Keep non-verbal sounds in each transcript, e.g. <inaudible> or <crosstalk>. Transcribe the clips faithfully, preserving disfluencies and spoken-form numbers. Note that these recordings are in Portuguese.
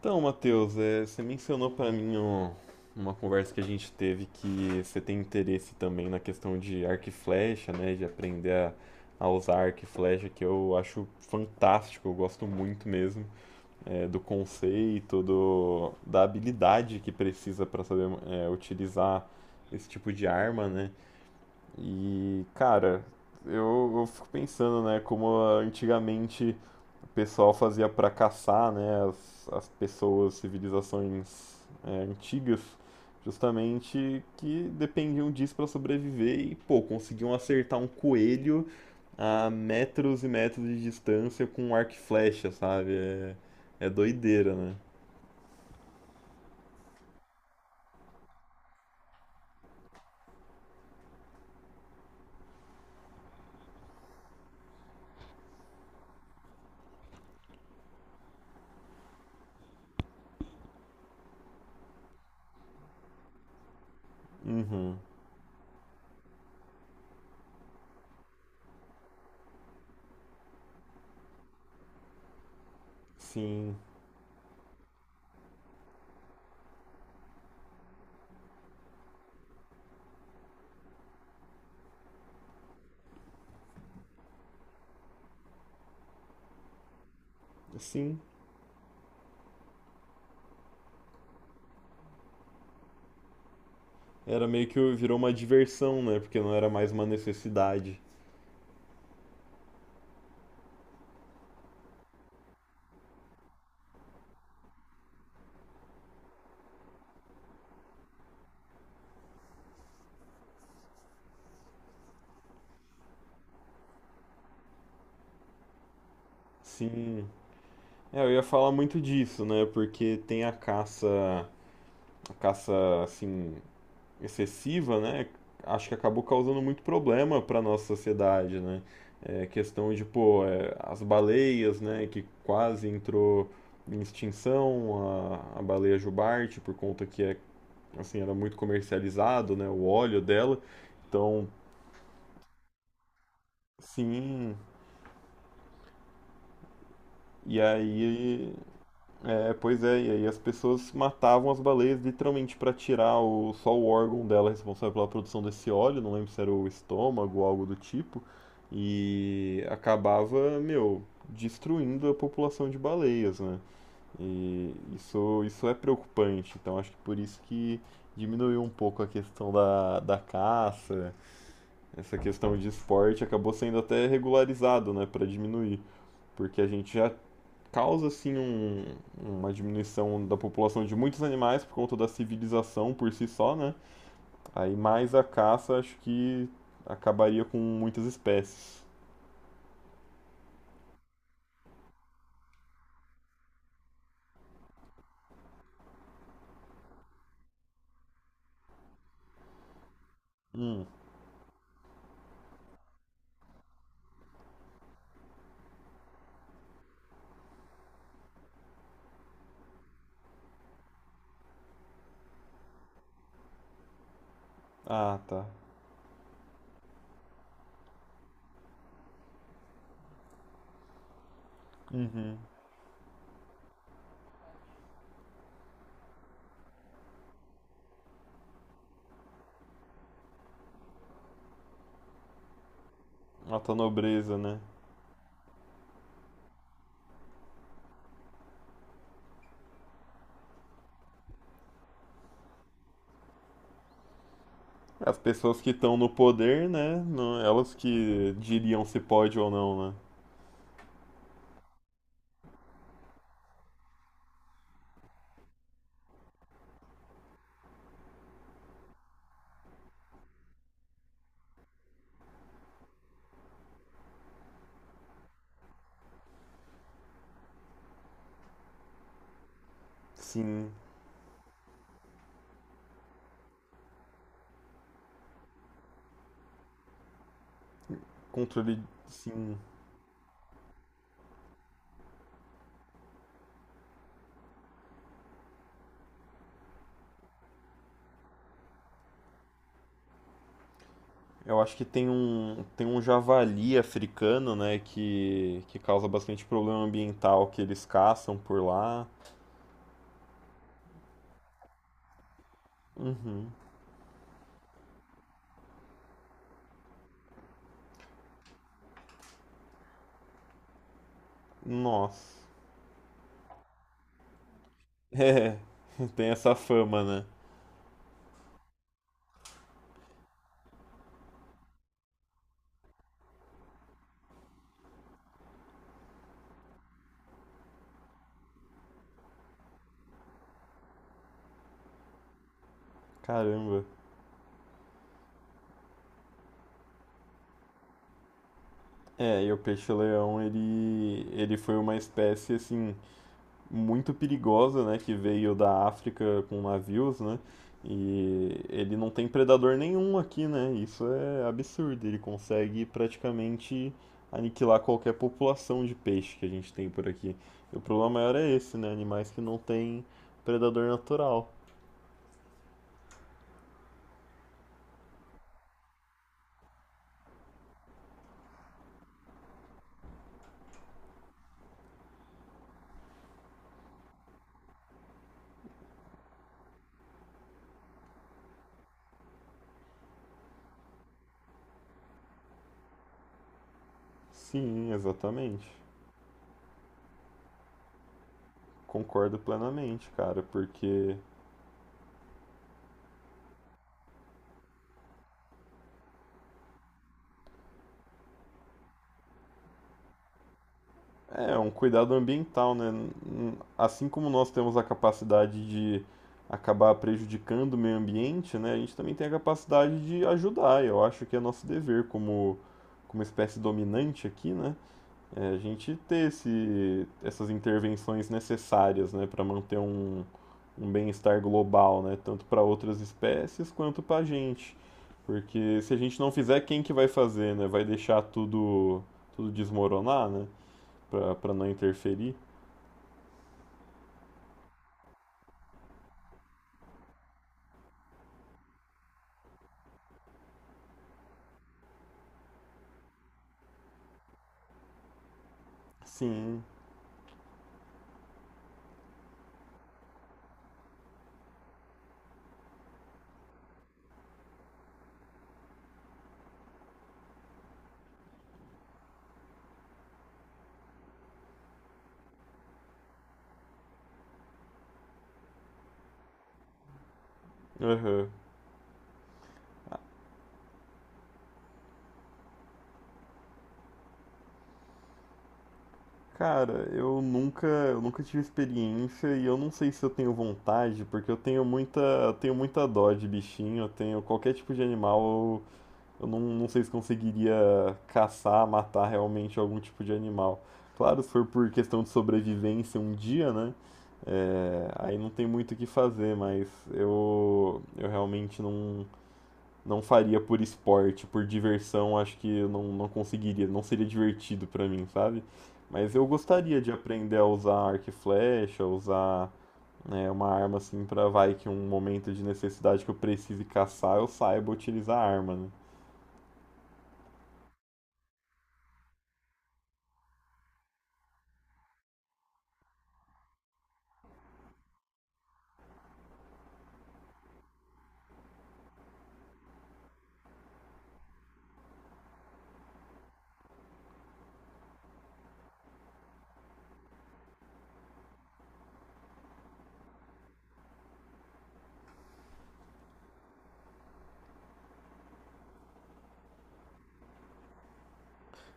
Então, Matheus, é, você mencionou para mim um- uma conversa que a gente teve que você tem interesse também na questão de arco e flecha, né? De aprender a, a usar arco e flecha, que eu acho fantástico, eu gosto muito mesmo é, do conceito, do, da habilidade que precisa para saber é, utilizar esse tipo de arma, né? E, cara, eu, eu fico pensando, né, como antigamente o pessoal fazia para caçar, né, as, as pessoas, civilizações é, antigas, justamente que dependiam disso para sobreviver e, pô, conseguiam acertar um coelho a metros e metros de distância com um arco e flecha, sabe? É, é doideira, né? Uhum. Sim, sim. Era meio que virou uma diversão, né? Porque não era mais uma necessidade. Sim. É, eu ia falar muito disso, né? Porque tem a caça a caça assim excessiva, né? Acho que acabou causando muito problema para nossa sociedade, né? É questão de, pô, é, as baleias, né, que quase entrou em extinção, a, a baleia jubarte, por conta que é, assim, era muito comercializado, né, o óleo dela. Então, sim, e aí é, pois é, e aí as pessoas matavam as baleias literalmente para tirar o, só o órgão dela responsável pela produção desse óleo, não lembro se era o estômago ou algo do tipo, e acabava, meu, destruindo a população de baleias, né? E isso, isso é preocupante, então acho que por isso que diminuiu um pouco a questão da, da caça, essa questão de esporte acabou sendo até regularizado, né, para diminuir, porque a gente já causa assim um- uma diminuição da população de muitos animais por conta da civilização por si só, né? Aí mais a caça, acho que acabaria com muitas espécies. Hum, ah, tá. Uhum. Alta nobreza, né? As pessoas que estão no poder, né? Não- elas que diriam se pode ou não, né? Sim, controle, sim. Eu acho que tem um, tem um javali africano, né, que, que causa bastante problema ambiental, que eles caçam por lá. Uhum. Nossa. É, <laughs> tem essa fama, né? Caramba. É, e o peixe-leão, ele, ele foi uma espécie, assim, muito perigosa, né, que veio da África com navios, né? E ele não tem predador nenhum aqui, né? Isso é absurdo. Ele consegue praticamente aniquilar qualquer população de peixe que a gente tem por aqui. E o problema maior é esse, né? Animais que não têm predador natural. Sim, exatamente. Concordo plenamente, cara, porque é, um cuidado ambiental, né? N- Assim como nós temos a capacidade de acabar prejudicando o meio ambiente, né? A gente também tem a capacidade de ajudar. Eu acho que é nosso dever como, como espécie dominante aqui, né? É a gente ter esse, essas intervenções necessárias, né? Para manter um, um bem-estar global, né? Tanto para outras espécies quanto para a gente. Porque se a gente não fizer, quem que vai fazer, né? Vai deixar tudo, tudo desmoronar, né? Pra, pra não interferir. Sim. Aham. Uhum. Cara, eu nunca, eu nunca tive experiência e eu não sei se eu tenho vontade, porque eu tenho muita, eu tenho muita dó de bichinho, eu tenho qualquer tipo de animal, eu, eu não, não sei se conseguiria caçar, matar realmente algum tipo de animal. Claro, se for por questão de sobrevivência um dia, né? É, aí não tem muito o que fazer, mas eu, eu realmente não, não faria por esporte, por diversão, acho que eu não, não conseguiria, não seria divertido pra mim, sabe? Mas eu gostaria de aprender a usar arco e flecha, usar né, uma arma assim pra vai que um momento de necessidade que eu precise caçar, eu saiba utilizar a arma, né?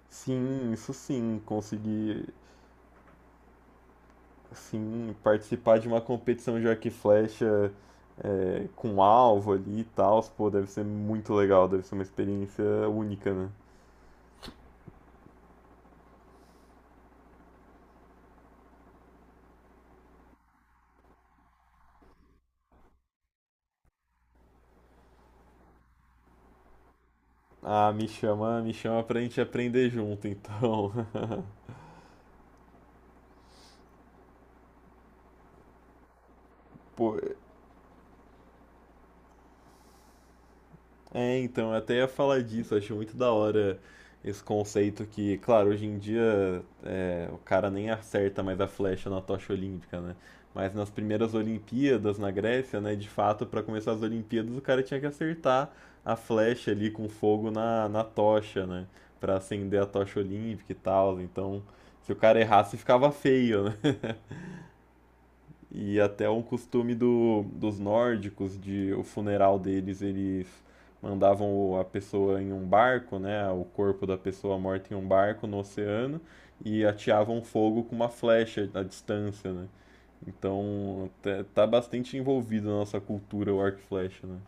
Sim, isso sim, conseguir sim participar de uma competição de arco e flecha é, com alvo ali e tal, pô, deve ser muito legal, deve ser uma experiência única, né? Ah, me chama, me chama pra gente aprender junto, então. <laughs> Pô, é, então, eu até ia falar disso, acho muito da hora esse conceito que, claro, hoje em dia é, o cara nem acerta mais a flecha na tocha olímpica, né? Mas nas primeiras Olimpíadas na Grécia, né, de fato, pra começar as Olimpíadas, o cara tinha que acertar a flecha ali com fogo na, na tocha, né? Pra acender a tocha olímpica e tal. Então, se o cara errasse, ficava feio, né? E até um costume do, dos nórdicos de o funeral deles, eles mandavam a pessoa em um barco, né, o corpo da pessoa morta em um barco no oceano e ateavam fogo com uma flecha à distância, né? Então, tá- tá bastante envolvido na nossa cultura o arco e flecha, né?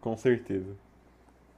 Com certeza.